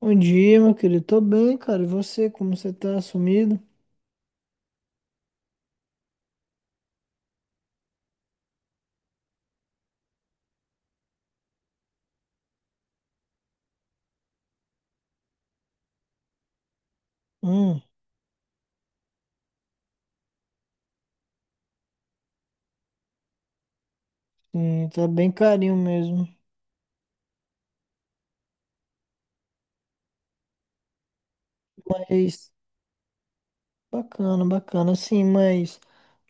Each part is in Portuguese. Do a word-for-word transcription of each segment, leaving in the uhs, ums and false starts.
Bom dia, meu querido. Tô bem, cara. E você, como você tá sumido? Hum, sim, tá bem carinho mesmo. Mas bacana, bacana, sim, mas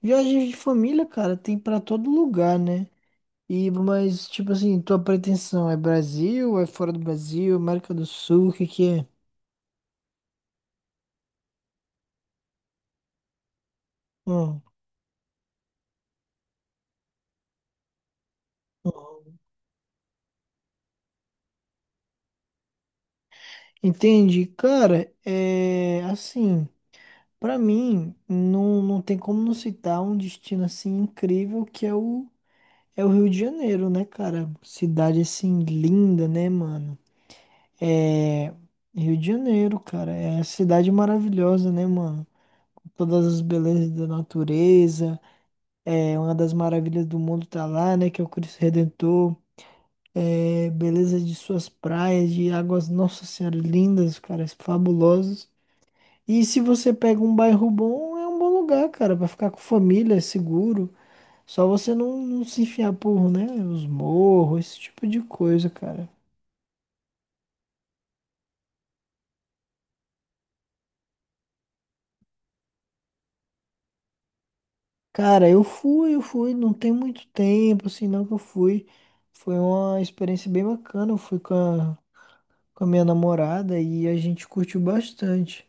viagens de família, cara, tem pra todo lugar, né? E mas tipo assim, tua pretensão é Brasil, é fora do Brasil, América do Sul, o que que é? Hum. Hum. Entendi, cara, é assim, pra mim não, não tem como não citar um destino assim incrível que é o É o Rio de Janeiro, né, cara? Cidade assim linda, né, mano? É, Rio de Janeiro, cara. É a cidade maravilhosa, né, mano? Com todas as belezas da natureza. É uma das maravilhas do mundo tá lá, né? Que é o Cristo Redentor. É beleza de suas praias, de águas, nossa senhora, lindas, cara, fabulosas. E se você pega um bairro bom, é um bom lugar, cara, pra ficar com família, é seguro. Só você não, não se enfiar por, né? Os morros, esse tipo de coisa, cara. Cara, eu fui, eu fui, não tem muito tempo, assim, não que eu fui. Foi uma experiência bem bacana. Eu fui com a, com a minha namorada e a gente curtiu bastante.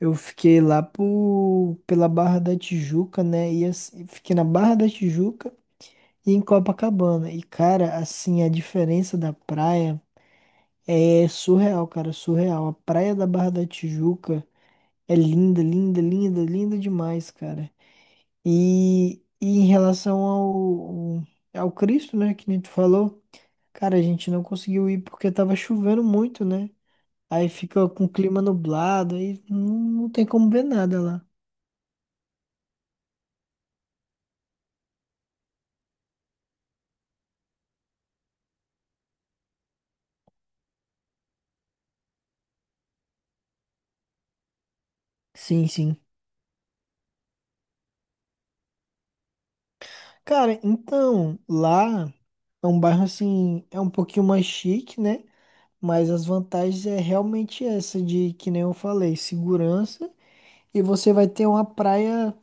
Eu fiquei lá por, pela Barra da Tijuca, né? E assim, fiquei na Barra da Tijuca e em Copacabana. E, cara, assim, a diferença da praia é surreal, cara, surreal. A praia da Barra da Tijuca é linda, linda, linda, linda demais, cara. E, e em relação ao, ao Cristo, né, que nem tu falou, cara, a gente não conseguiu ir porque tava chovendo muito, né? Aí fica com o clima nublado, aí não, não tem como ver nada lá. Sim, sim. Cara, então, lá é um bairro assim, é um pouquinho mais chique, né? Mas as vantagens é realmente essa de, que nem eu falei, segurança. E você vai ter uma praia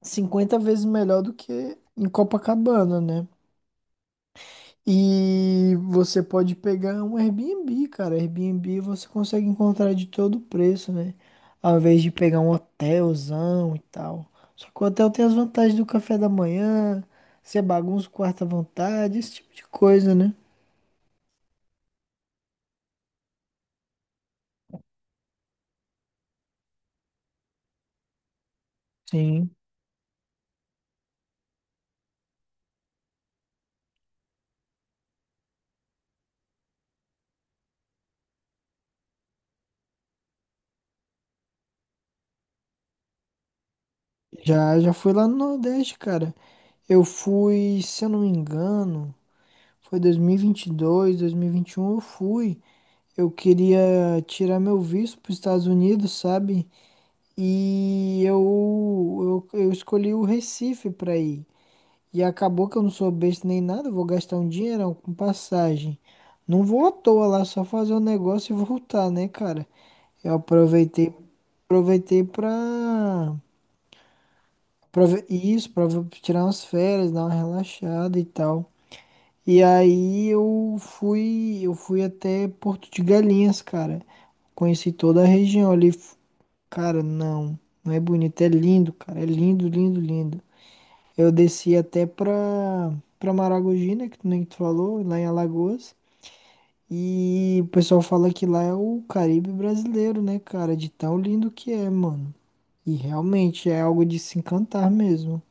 cinquenta vezes melhor do que em Copacabana, né? E você pode pegar um Airbnb, cara. Airbnb você consegue encontrar de todo preço, né? Ao invés de pegar um hotelzão e tal. Só que o hotel tem as vantagens do café da manhã, você bagunça o quarto à vontade, esse tipo de coisa, né? Sim. Já, já fui lá no Nordeste, cara. Eu fui, se eu não me engano, foi dois mil e vinte e dois, dois mil e vinte e um, eu fui. Eu queria tirar meu visto para os Estados Unidos, sabe? E eu, eu, eu escolhi o Recife para ir. E acabou que eu não sou besta nem nada, eu vou gastar um dinheirão com passagem. Não vou à toa lá, só fazer um negócio e voltar, né, cara? Eu aproveitei, aproveitei pra, aprove- isso, pra tirar umas férias, dar uma relaxada e tal. E aí eu fui, eu fui até Porto de Galinhas, cara. Conheci toda a região ali. F- Cara, não, não é bonito, é lindo, cara. É lindo, lindo, lindo. Eu desci até pra, pra Maragogi, né, que tu nem tu falou, lá em Alagoas. E o pessoal fala que lá é o Caribe brasileiro, né, cara? De tão lindo que é, mano. E realmente é algo de se encantar mesmo.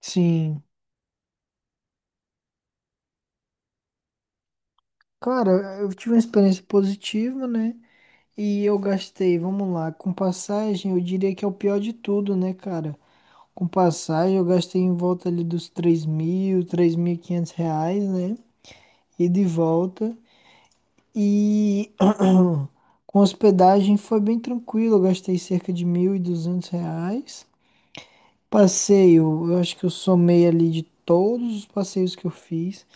Sim. Cara, eu tive uma experiência positiva, né? E eu gastei, vamos lá, com passagem, eu diria que é o pior de tudo, né, cara? Com passagem, eu gastei em volta ali dos três mil, três mil e quinhentos reais, né? E de volta. E com hospedagem foi bem tranquilo, eu gastei cerca de mil e duzentos reais. Passeio, eu acho que eu somei ali de todos os passeios que eu fiz,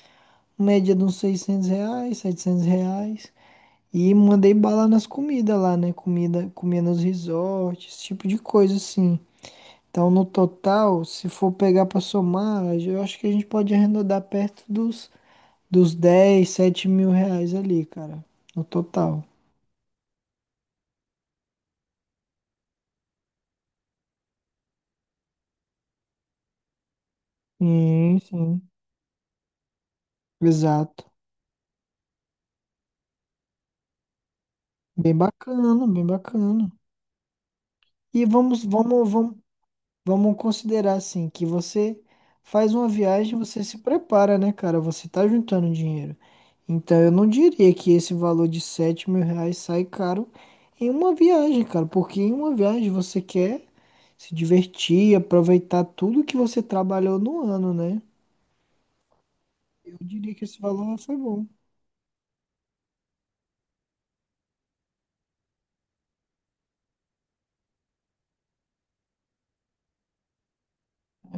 média de uns seiscentos reais, setecentos reais. E mandei bala nas comidas lá, né? Comida, comia nos resorts, esse tipo de coisa assim. Então, no total, se for pegar pra somar, eu acho que a gente pode arredondar perto dos, dos dez, sete mil reais ali, cara. No total. Sim, sim. Exato. Bem bacana, bem bacana. E vamos, vamos, vamos. Vamos considerar assim que você faz uma viagem, você se prepara, né, cara? Você tá juntando dinheiro. Então eu não diria que esse valor de sete mil reais sai caro em uma viagem, cara. Porque em uma viagem você quer se divertir, aproveitar tudo que você trabalhou no ano, né? Eu diria que esse valor foi bom.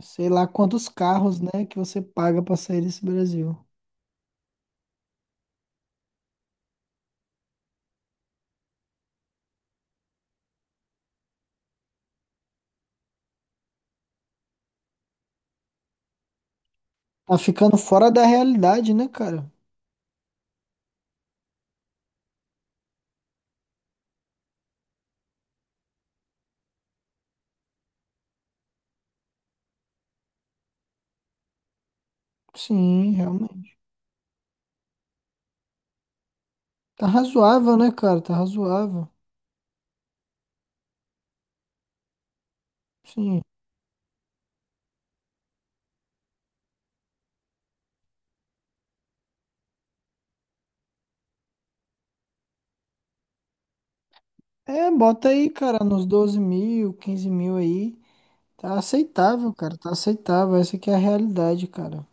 Sei lá quantos carros, né, que você paga pra sair desse Brasil. Tá ficando fora da realidade, né, cara? Sim, realmente. Tá razoável, né, cara? Tá razoável. Sim. É, bota aí, cara, nos doze mil, quinze mil aí. Tá aceitável, cara. Tá aceitável. Essa aqui é a realidade, cara.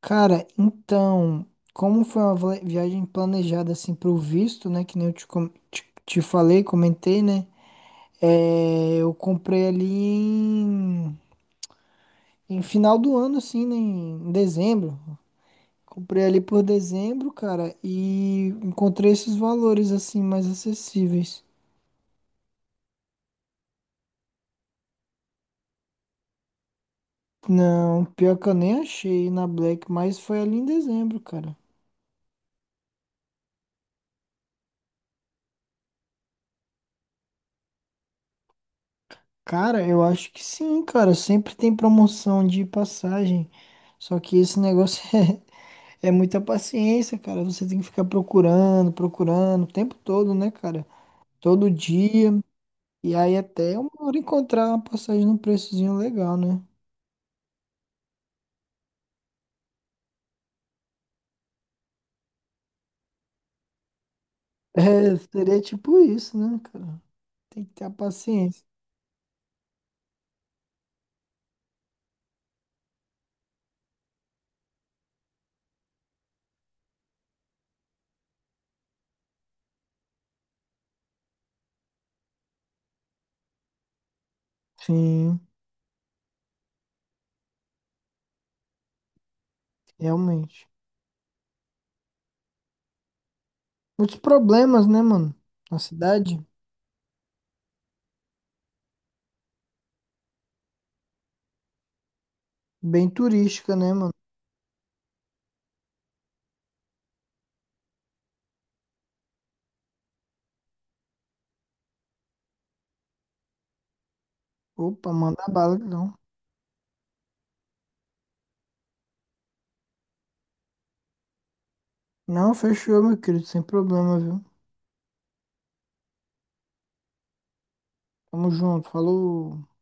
Cara, então, como foi uma vla- viagem planejada assim pro visto, né? Que nem eu te, com- te, te falei, comentei, né? É, eu comprei ali em, em final do ano, assim, né? Em dezembro. Comprei ali por dezembro, cara, e encontrei esses valores assim mais acessíveis. Não, pior que eu nem achei na Black, mas foi ali em dezembro, cara. Cara, eu acho que sim, cara. Sempre tem promoção de passagem. Só que esse negócio é, é muita paciência, cara. Você tem que ficar procurando, procurando o tempo todo, né, cara? Todo dia. E aí até uma hora encontrar uma passagem num preçozinho legal, né? É, seria tipo isso, né, cara? Tem que ter a paciência. Sim, realmente. Muitos problemas, né, mano? Na cidade. Bem turística, né, mano? Opa, manda bala, então. Não, fechou, meu querido, sem problema, viu? Tamo junto, falou.